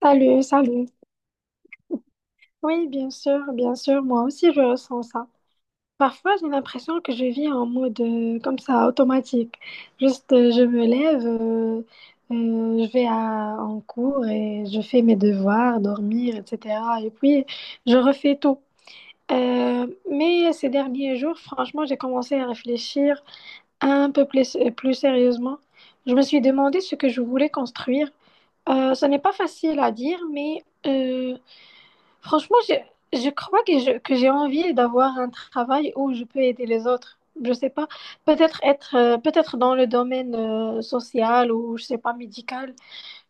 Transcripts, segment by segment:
Salut, salut. Oui, bien sûr, moi aussi je ressens ça. Parfois, j'ai l'impression que je vis en mode comme ça, automatique. Juste, je me lève, je vais en cours et je fais mes devoirs, dormir, etc. Et puis, je refais tout. Mais ces derniers jours, franchement, j'ai commencé à réfléchir un peu plus, plus sérieusement. Je me suis demandé ce que je voulais construire. Ce n'est pas facile à dire, mais franchement, je crois que que j'ai envie d'avoir un travail où je peux aider les autres. Je sais pas, peut-être être, peut-être dans le domaine social ou je sais pas médical.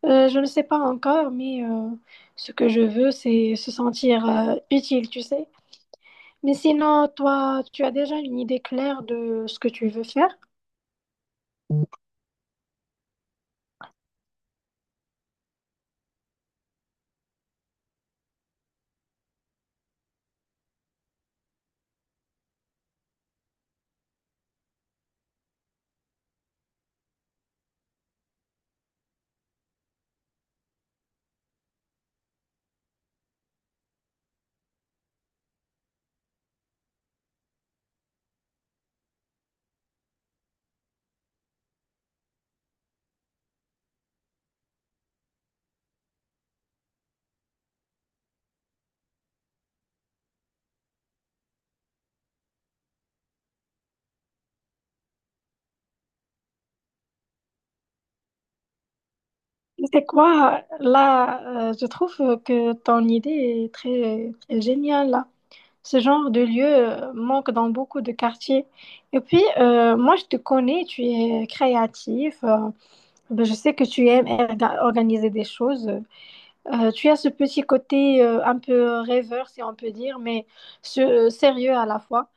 Je ne sais pas encore, mais ce que je veux, c'est se sentir utile, tu sais. Mais sinon, toi, tu as déjà une idée claire de ce que tu veux faire? C'est quoi? Là, je trouve que ton idée est très, très géniale là. Ce genre de lieu manque dans beaucoup de quartiers. Et puis, moi, je te connais, tu es créatif. Ben, je sais que tu aimes organiser des choses. Tu as ce petit côté un peu rêveur, si on peut dire, mais ce- sérieux à la fois.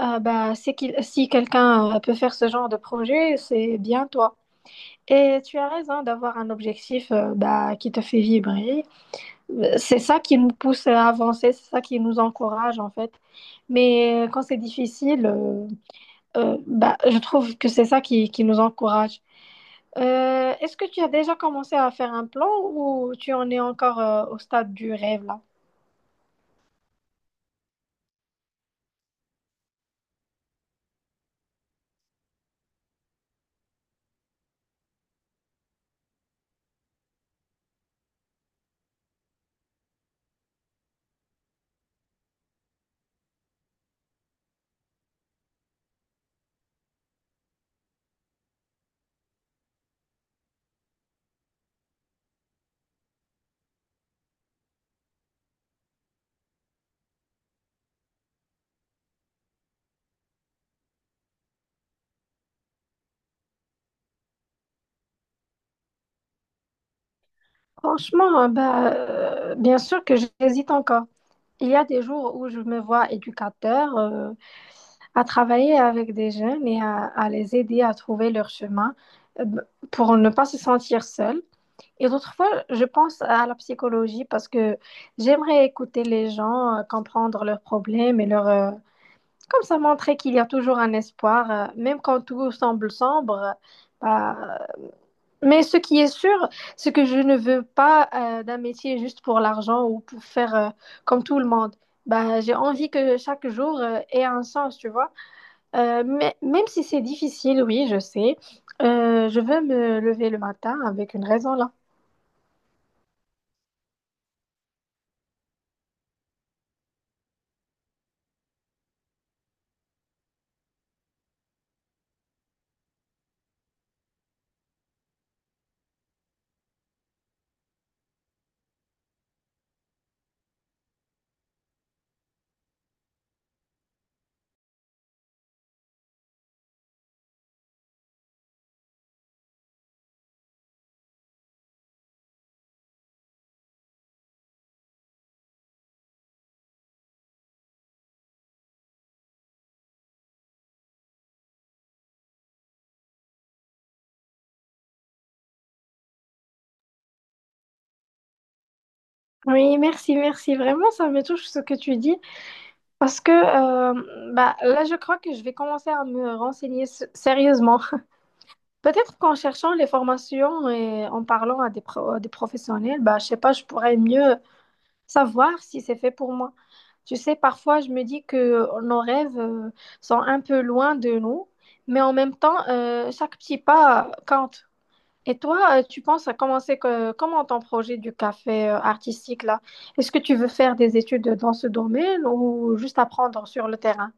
Ben, c'est qu'il, si quelqu'un peut faire ce genre de projet, c'est bien toi. Et tu as raison d'avoir un objectif ben, qui te fait vibrer, c'est ça qui nous pousse à avancer, c'est ça qui nous encourage en fait. Mais quand c'est difficile, bah, je trouve que c'est ça qui nous encourage. Est-ce que tu as déjà commencé à faire un plan ou tu en es encore au stade du rêve là? Franchement, hein, bah, bien sûr que j'hésite encore. Il y a des jours où je me vois éducateur, à travailler avec des jeunes et à les aider à trouver leur chemin euh, pour ne pas se sentir seul. Et d'autres fois, je pense à la psychologie parce que j'aimerais écouter les gens, comprendre leurs problèmes et leur comme ça, montrer qu'il y a toujours un espoir, même quand tout semble sombre. Bah, mais ce qui est sûr, c'est que je ne veux pas d'un métier juste pour l'argent ou pour faire comme tout le monde. Bah, j'ai envie que chaque jour ait un sens, tu vois. Mais, même si c'est difficile, oui, je sais. Je veux me lever le matin avec une raison. Oui, merci, merci. Vraiment, ça me touche ce que tu dis parce que bah, là, je crois que je vais commencer à me renseigner sérieusement. Peut-être qu'en cherchant les formations et en parlant à à des professionnels, bah, je sais pas, je pourrais mieux savoir si c'est fait pour moi. Tu sais, parfois, je me dis que nos rêves sont un peu loin de nous, mais en même temps, chaque petit pas compte. Et toi, tu penses à commencer comment ton projet du café artistique là? Est-ce que tu veux faire des études dans ce domaine ou juste apprendre sur le terrain?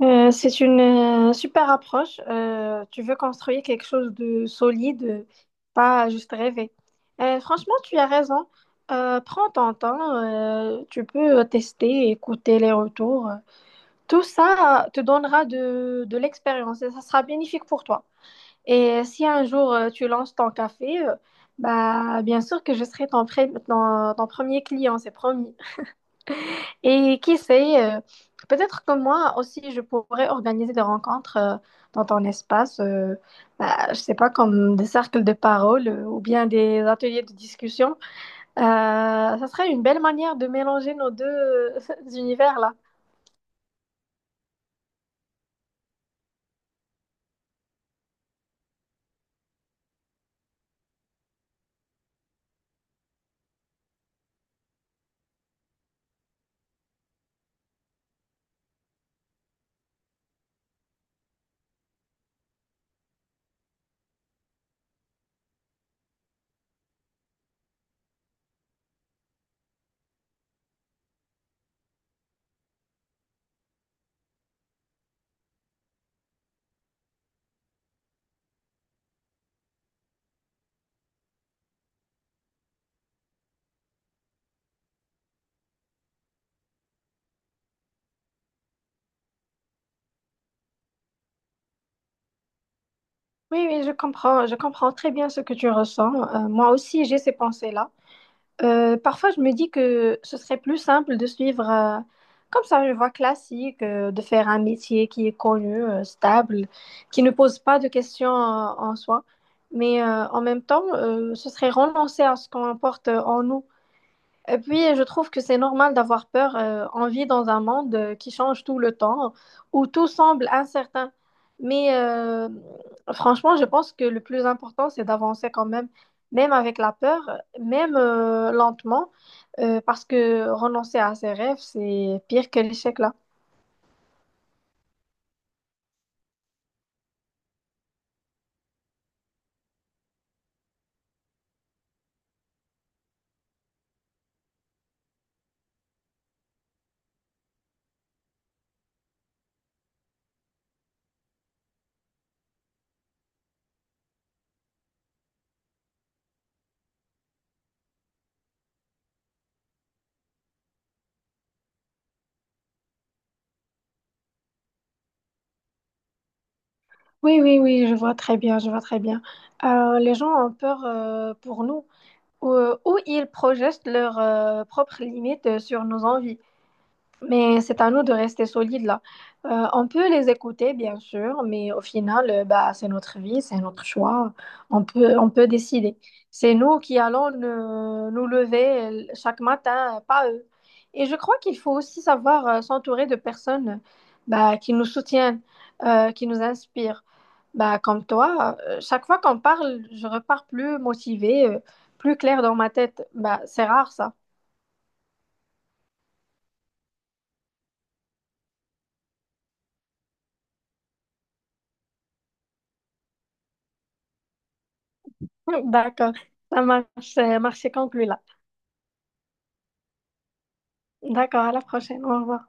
C'est une super approche. Tu veux construire quelque chose de solide, pas juste rêver. Franchement, tu as raison. Prends ton temps. Tu peux tester, écouter les retours. Tout ça te donnera de l'expérience et ça sera bénéfique pour toi. Et si un jour tu lances ton café, bah bien sûr que je serai ton premier client, c'est promis. Et qui sait, peut-être que moi aussi je pourrais organiser des rencontres dans ton espace, bah, je sais pas, comme des cercles de parole ou bien des ateliers de discussion. Ça serait une belle manière de mélanger nos deux univers là. Oui, oui, je comprends très bien ce que tu ressens. Moi aussi, j'ai ces pensées-là. Parfois, je me dis que ce serait plus simple de suivre comme ça une voie classique, de faire un métier qui est connu, stable, qui ne pose pas de questions en soi. Mais en même temps, ce serait renoncer à ce qu'on porte en nous. Et puis, je trouve que c'est normal d'avoir peur. On vit dans un monde qui change tout le temps, où tout semble incertain. Mais franchement, je pense que le plus important, c'est d'avancer quand même, même avec la peur, même lentement, parce que renoncer à ses rêves, c'est pire que l'échec là. Oui, oui, oui, je vois très bien, je vois très bien. Les gens ont peur pour nous, ou, ou ils projettent leurs propres limites sur nos envies. Mais c'est à nous de rester solides là. On peut les écouter, bien sûr, mais au final, bah, c'est notre vie, c'est notre choix. On peut décider. C'est nous qui allons nous lever chaque matin, pas eux. Et je crois qu'il faut aussi savoir s'entourer de personnes bah, qui nous soutiennent, qui nous inspirent. Bah, comme toi, chaque fois qu'on parle, je repars plus motivée, plus claire dans ma tête. Bah, c'est rare ça. D'accord, ça marche, conclu là. D'accord, à la prochaine. Au revoir.